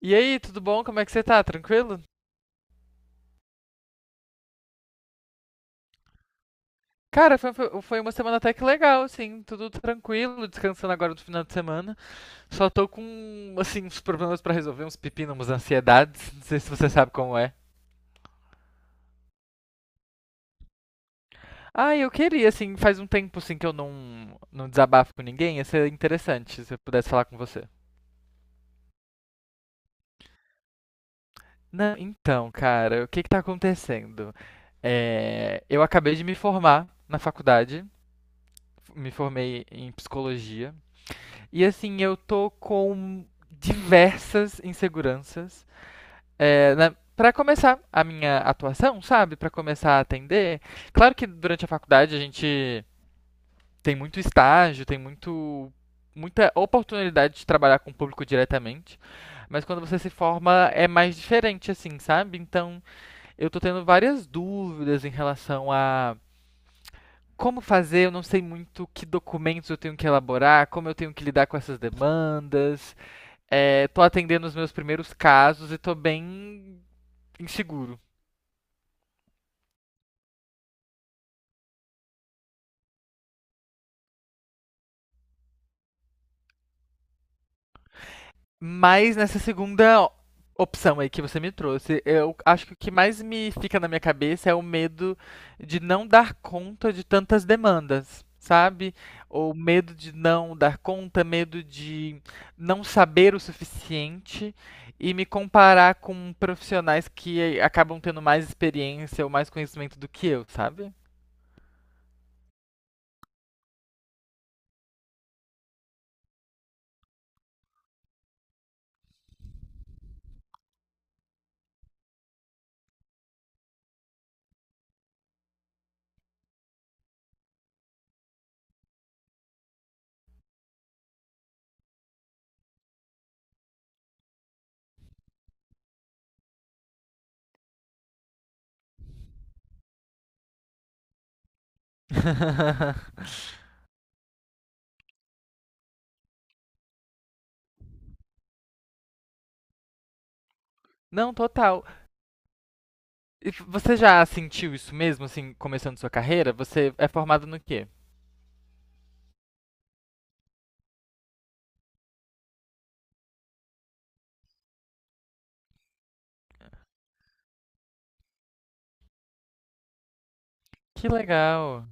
E aí, tudo bom? Como é que você tá? Tranquilo? Cara, foi uma semana até que legal, assim, tudo tranquilo, descansando agora no final de semana. Só tô com, assim, uns problemas pra resolver, uns pepinos, umas ansiedades. Não sei se você sabe como é. Ah, eu queria, assim, faz um tempo, assim, que eu não desabafo com ninguém. Ia ser interessante se eu pudesse falar com você. Não, então, cara, o que que tá acontecendo? É, eu acabei de me formar na faculdade, me formei em psicologia. E assim, eu tô com diversas inseguranças. É, pra começar a minha atuação, sabe? Pra começar a atender. Claro que durante a faculdade a gente tem muito estágio, tem muito, muita oportunidade de trabalhar com o público diretamente. Mas quando você se forma é mais diferente, assim, sabe? Então eu tô tendo várias dúvidas em relação a como fazer, eu não sei muito que documentos eu tenho que elaborar, como eu tenho que lidar com essas demandas. É, tô atendendo os meus primeiros casos e tô bem inseguro. Mas nessa segunda opção aí que você me trouxe, eu acho que o que mais me fica na minha cabeça é o medo de não dar conta de tantas demandas, sabe? Ou medo de não dar conta, medo de não saber o suficiente e me comparar com profissionais que acabam tendo mais experiência ou mais conhecimento do que eu, sabe? Não, total. E você já sentiu isso mesmo, assim, começando sua carreira? Você é formado no quê? Que legal.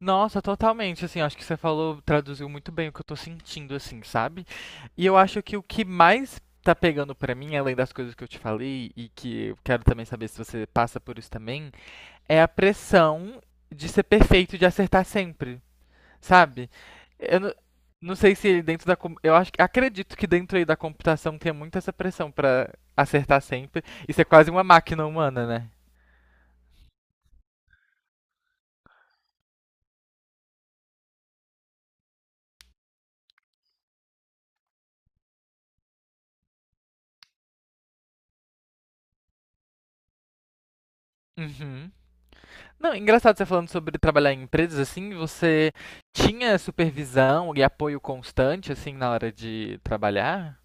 Nossa, totalmente, assim, acho que você falou, traduziu muito bem o que eu tô sentindo, assim, sabe? E eu acho que o que mais tá pegando pra mim, além das coisas que eu te falei, e que eu quero também saber se você passa por isso também, é a pressão de ser perfeito, e de acertar sempre. Sabe? Eu não sei se ele dentro da. Com- Eu acho, que- acredito que dentro aí da computação tem muito essa pressão pra acertar sempre e ser quase uma máquina humana, né? Uhum. Não, engraçado você falando sobre trabalhar em empresas assim, você tinha supervisão e apoio constante assim na hora de trabalhar?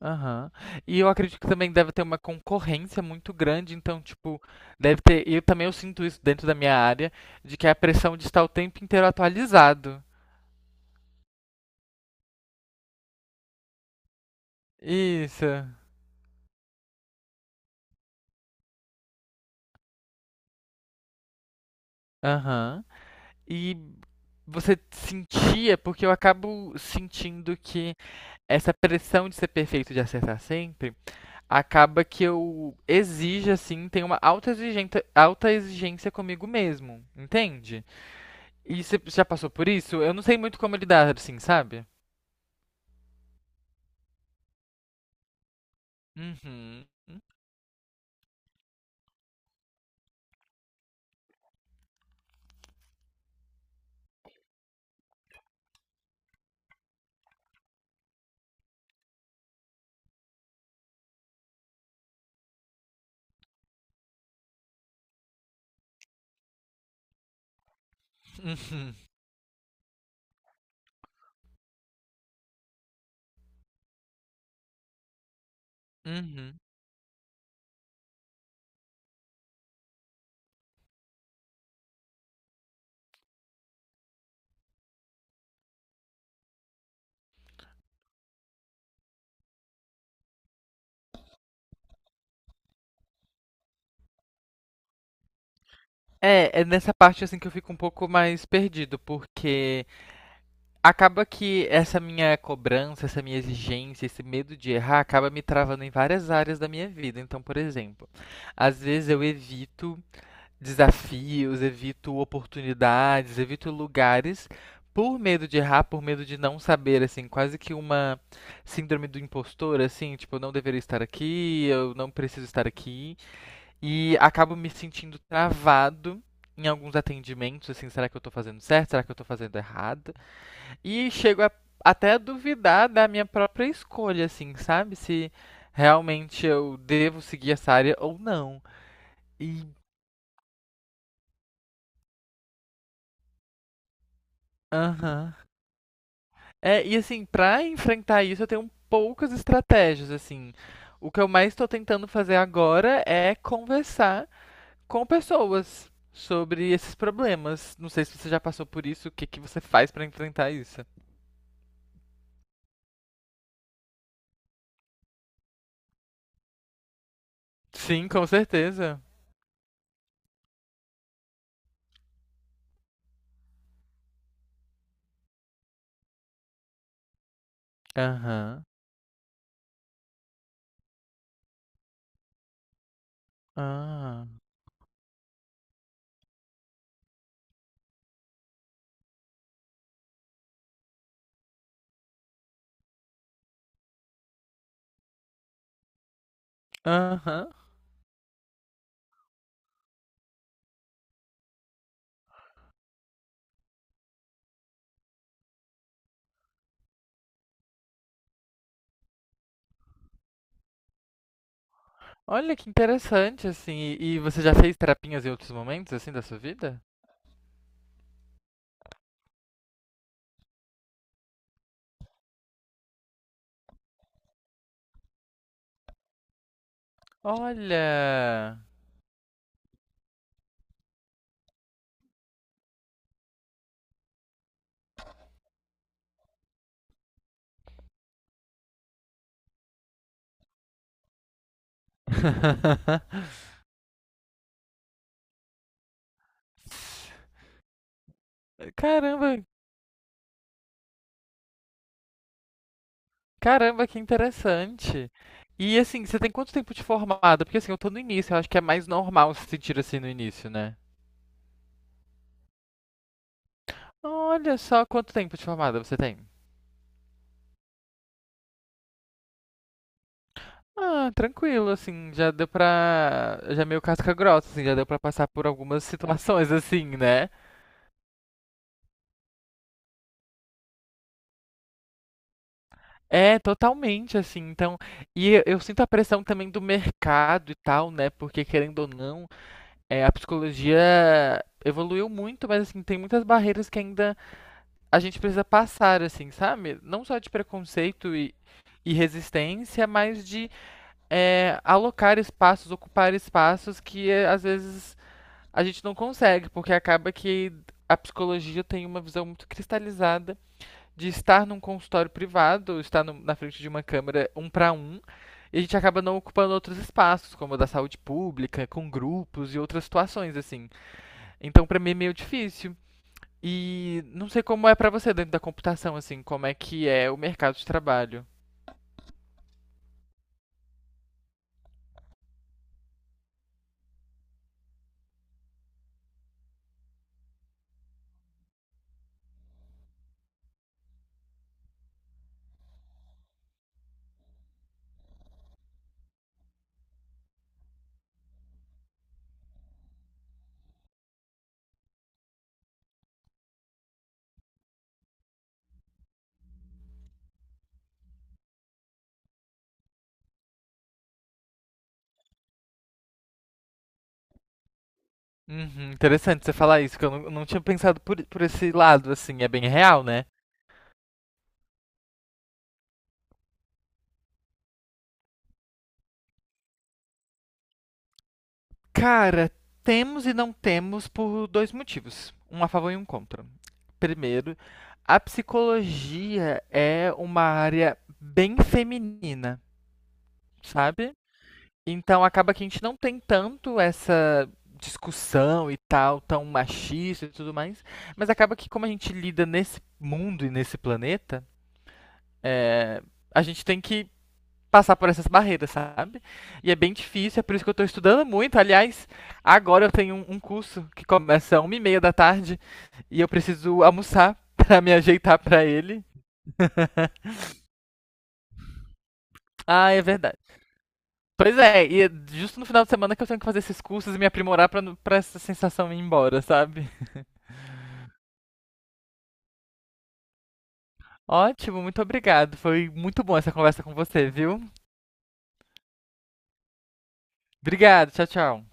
Aham. E eu acredito que também deve ter uma concorrência muito grande, então, tipo, deve ter. E eu também eu sinto isso dentro da minha área, de que é a pressão de estar o tempo inteiro atualizado. Isso. Aham. E você sentia, porque eu acabo sentindo que essa pressão de ser perfeito, de acertar sempre, acaba que eu exijo, assim, tenho uma alta exigência comigo mesmo, entende? E você já passou por isso? Eu não sei muito como lidar, assim, sabe? Uhum. Uhum. Uhum. É, nessa parte assim que eu fico um pouco mais perdido, porque acaba que essa minha cobrança, essa minha exigência, esse medo de errar, acaba me travando em várias áreas da minha vida. Então, por exemplo, às vezes eu evito desafios, evito oportunidades, evito lugares por medo de errar, por medo de não saber, assim, quase que uma síndrome do impostor, assim, tipo, eu não deveria estar aqui, eu não preciso estar aqui, e acabo me sentindo travado em alguns atendimentos, assim, será que eu tô fazendo certo? Será que eu tô fazendo errado? E chego até a duvidar da minha própria escolha, assim, sabe? Se realmente eu devo seguir essa área ou não. E, aham. É, e assim, pra enfrentar isso, eu tenho poucas estratégias, assim. O que eu mais tô tentando fazer agora é conversar com pessoas sobre esses problemas. Não sei se você já passou por isso, o que que você faz pra enfrentar isso? Sim, com certeza. Aham. Ah. Aham. Olha que interessante, assim. E você já fez terapinhas em outros momentos, assim, da sua vida? Olha! Caramba, caramba, que interessante. E assim, você tem quanto tempo de formada? Porque assim, eu tô no início, eu acho que é mais normal se sentir assim no início, né? Olha só quanto tempo de formada você tem. Ah, tranquilo, assim, já deu pra. Já é meio casca grossa, assim, já deu pra passar por algumas situações, assim, né? É, totalmente, assim, então, e eu sinto a pressão também do mercado e tal, né, porque querendo ou não, a psicologia evoluiu muito, mas assim, tem muitas barreiras que ainda a gente precisa passar, assim, sabe? Não só de preconceito e, resistência, mas de alocar espaços, ocupar espaços que às vezes a gente não consegue, porque acaba que a psicologia tem uma visão muito cristalizada de estar num consultório privado, estar na frente de uma câmera um para um, e a gente acaba não ocupando outros espaços, como o da saúde pública, com grupos e outras situações, assim. Então, pra mim é meio difícil. E não sei como é pra você dentro da computação, assim, como é que é o mercado de trabalho. Uhum, interessante você falar isso, que eu não tinha pensado por esse lado, assim, é bem real, né? Cara, temos e não temos por dois motivos, um a favor e um contra. Primeiro, a psicologia é uma área bem feminina, sabe? Então acaba que a gente não tem tanto essa discussão e tal, tão machista e tudo mais, mas acaba que como a gente lida nesse mundo e nesse planeta, é, a gente tem que passar por essas barreiras, sabe? E é bem difícil, é por isso que eu estou estudando muito. Aliás, agora eu tenho um curso que começa às 1h30 da tarde e eu preciso almoçar para me ajeitar para ele. Ah, é verdade. Pois é, e é justo no final de semana que eu tenho que fazer esses cursos e me aprimorar para pra essa sensação ir embora, sabe? Ótimo, muito obrigado. Foi muito bom essa conversa com você, viu? Obrigado, tchau, tchau.